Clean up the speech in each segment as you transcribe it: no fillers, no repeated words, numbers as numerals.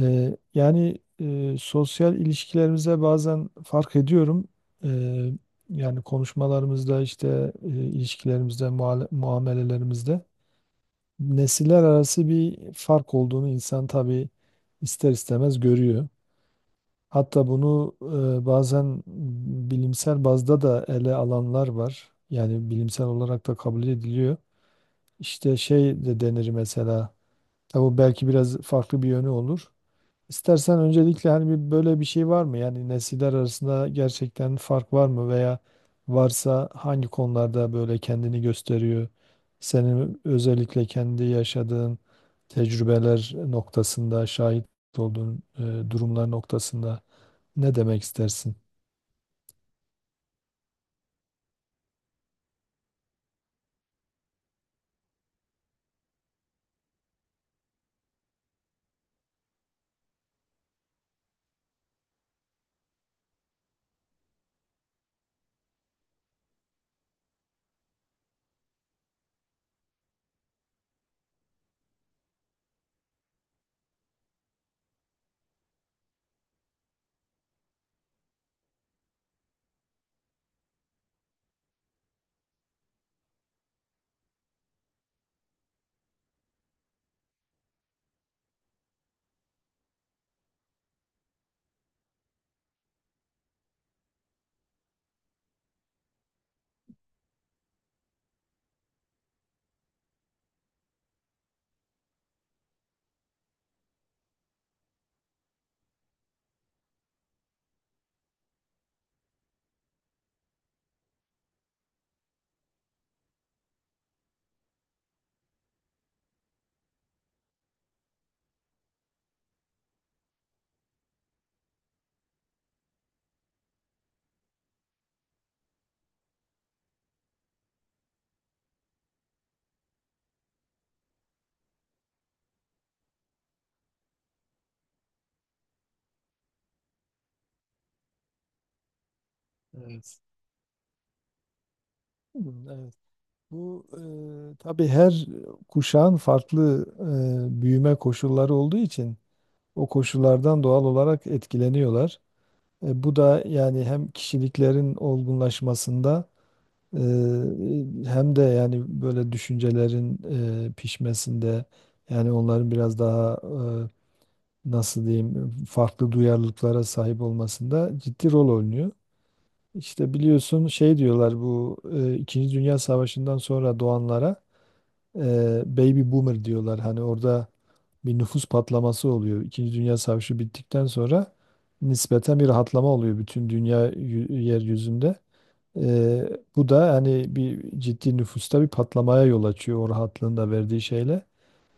Yani sosyal ilişkilerimize bazen fark ediyorum. Ee, yani konuşmalarımızda işte ilişkilerimizde, muamelelerimizde nesiller arası bir fark olduğunu insan tabii ister istemez görüyor. Hatta bunu bazen bilimsel bazda da ele alanlar var. Yani bilimsel olarak da kabul ediliyor. İşte şey de denir mesela. Tabii bu belki biraz farklı bir yönü olur. İstersen öncelikle hani bir böyle bir şey var mı? Yani nesiller arasında gerçekten fark var mı, veya varsa hangi konularda böyle kendini gösteriyor? Senin özellikle kendi yaşadığın tecrübeler noktasında şahit olduğun durumlar noktasında ne demek istersin? Evet. Hmm, evet. Bu tabii her kuşağın farklı büyüme koşulları olduğu için o koşullardan doğal olarak etkileniyorlar. Bu da yani hem kişiliklerin olgunlaşmasında e, hem de yani böyle düşüncelerin pişmesinde, yani onların biraz daha nasıl diyeyim, farklı duyarlılıklara sahip olmasında ciddi rol oynuyor. İşte biliyorsun, şey diyorlar, bu İkinci Dünya Savaşı'ndan sonra doğanlara baby boomer diyorlar. Hani orada bir nüfus patlaması oluyor. İkinci Dünya Savaşı bittikten sonra nispeten bir rahatlama oluyor bütün dünya yeryüzünde. E, bu da hani bir ciddi nüfusta bir patlamaya yol açıyor, o rahatlığın da verdiği şeyle.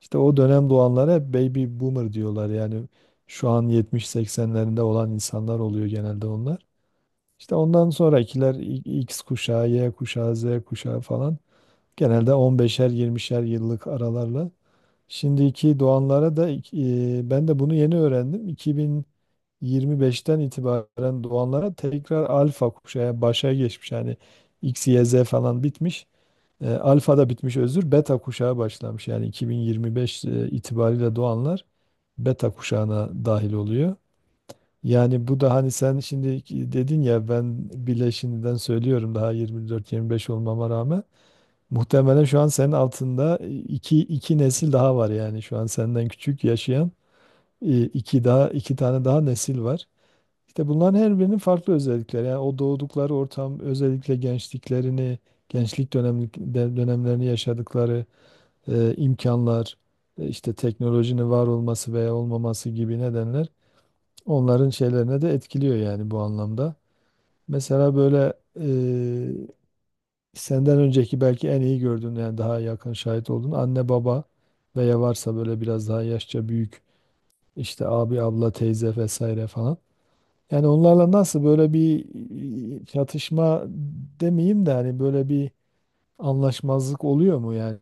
İşte o dönem doğanlara hep baby boomer diyorlar. Yani şu an 70-80'lerinde olan insanlar oluyor genelde onlar. İşte ondan sonrakiler X kuşağı, Y kuşağı, Z kuşağı falan. Genelde 15'er 20'şer yıllık aralarla. Şimdiki doğanlara da ben de bunu yeni öğrendim. 2025'ten itibaren doğanlara tekrar alfa kuşağı başa geçmiş. Yani X, Y, Z falan bitmiş. Alfa da bitmiş, özür. Beta kuşağı başlamış. Yani 2025 itibariyle doğanlar beta kuşağına dahil oluyor. Yani bu da hani, sen şimdi dedin ya, ben bile şimdiden söylüyorum daha 24-25 olmama rağmen. Muhtemelen şu an senin altında iki nesil daha var, yani şu an senden küçük yaşayan iki daha iki tane daha nesil var. İşte bunların her birinin farklı özellikleri. Yani o doğdukları ortam, özellikle gençliklerini, dönemlerini yaşadıkları imkanlar, işte teknolojinin var olması veya olmaması gibi nedenler onların şeylerine de etkiliyor, yani bu anlamda. Mesela böyle e, senden önceki belki en iyi gördüğün, yani daha yakın şahit olduğun anne baba veya varsa böyle biraz daha yaşça büyük işte abi, abla, teyze vesaire falan. Yani onlarla nasıl, böyle bir çatışma demeyeyim de hani böyle bir anlaşmazlık oluyor mu yani?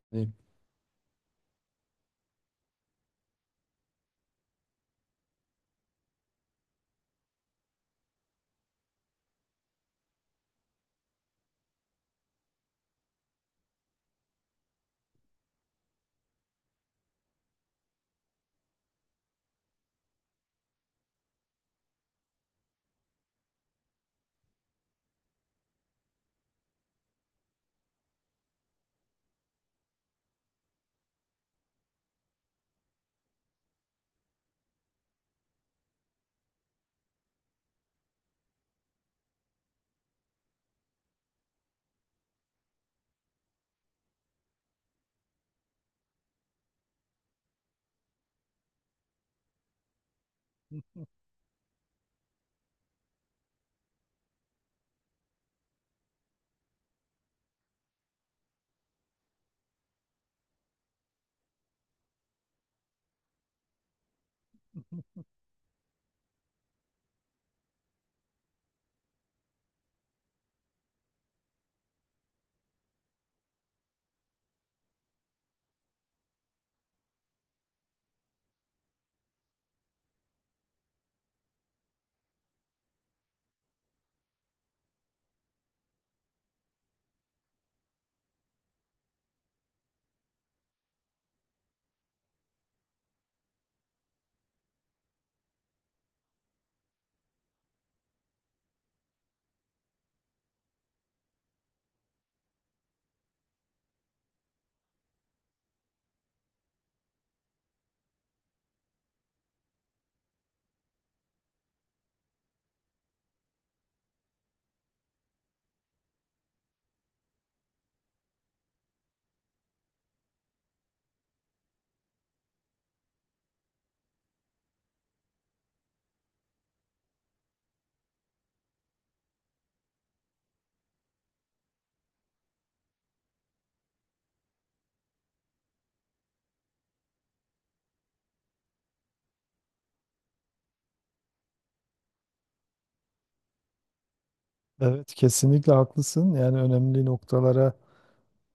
Evet, kesinlikle haklısın. Yani önemli noktalara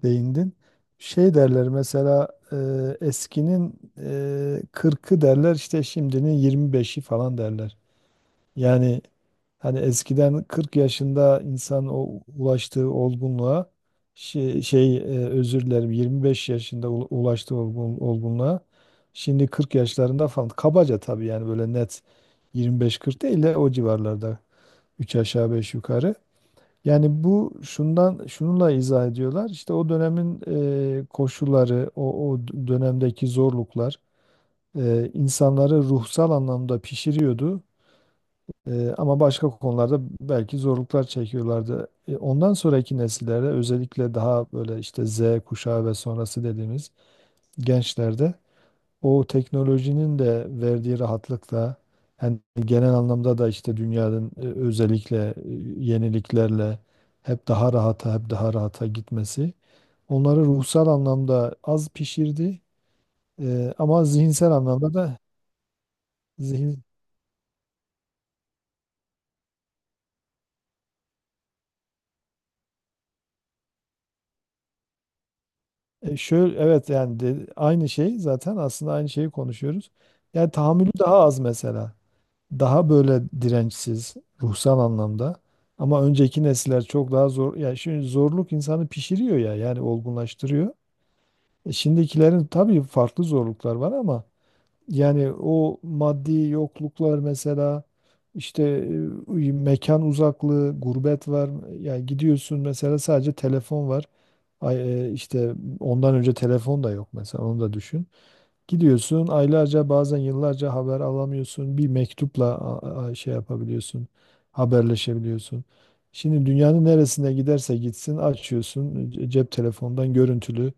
değindin. Şey derler mesela, eskinin 40'ı derler, işte şimdinin 25'i falan derler. Yani hani eskiden 40 yaşında insan o ulaştığı olgunluğa, özür dilerim, 25 yaşında ulaştığı olgunluğa, şimdi 40 yaşlarında falan, kabaca tabii, yani böyle net 25-40 değil de o civarlarda, 3 aşağı 5 yukarı. Yani bu şundan, şununla izah ediyorlar: işte o dönemin koşulları, o dönemdeki zorluklar insanları ruhsal anlamda pişiriyordu. Ama başka konularda belki zorluklar çekiyorlardı. Ondan sonraki nesillerde, özellikle daha böyle işte Z kuşağı ve sonrası dediğimiz gençlerde, o teknolojinin de verdiği rahatlıkla, hani genel anlamda da işte dünyanın özellikle yeniliklerle hep daha rahata, hep daha rahata gitmesi onları ruhsal anlamda az pişirdi. Ama zihinsel anlamda da zihin, şöyle, evet, yani aynı şey, zaten aslında aynı şeyi konuşuyoruz. Yani tahammülü daha az mesela. Daha böyle dirençsiz ruhsal anlamda. Ama önceki nesiller çok daha zor. Yani şimdi zorluk insanı pişiriyor ya, yani olgunlaştırıyor. Şimdikilerin tabii farklı zorluklar var ama yani o maddi yokluklar mesela, işte mekan uzaklığı, gurbet var. Yani gidiyorsun mesela, sadece telefon var. İşte ondan önce telefon da yok mesela, onu da düşün. Gidiyorsun aylarca, bazen yıllarca haber alamıyorsun. Bir mektupla şey yapabiliyorsun. Haberleşebiliyorsun. Şimdi dünyanın neresine giderse gitsin, açıyorsun cep telefondan görüntülü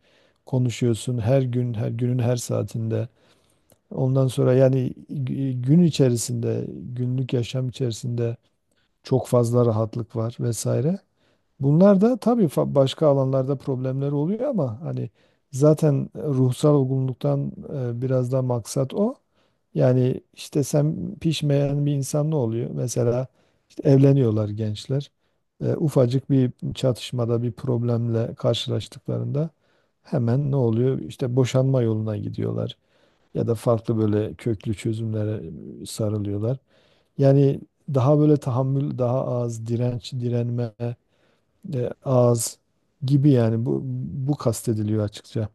konuşuyorsun, her gün, her günün her saatinde. Ondan sonra yani gün içerisinde, günlük yaşam içerisinde çok fazla rahatlık var vesaire. Bunlar da tabii başka alanlarda problemler oluyor ama hani zaten ruhsal olgunluktan biraz da maksat o. Yani işte sen, pişmeyen bir insan ne oluyor? Mesela işte evleniyorlar gençler. Ufacık bir çatışmada, bir problemle karşılaştıklarında hemen ne oluyor? İşte boşanma yoluna gidiyorlar ya da farklı böyle köklü çözümlere sarılıyorlar. Yani daha böyle tahammül, daha az direnç, direnme az gibi, yani bu kastediliyor açıkça.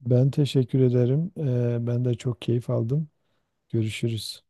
Ben teşekkür ederim. Ben de çok keyif aldım. Görüşürüz.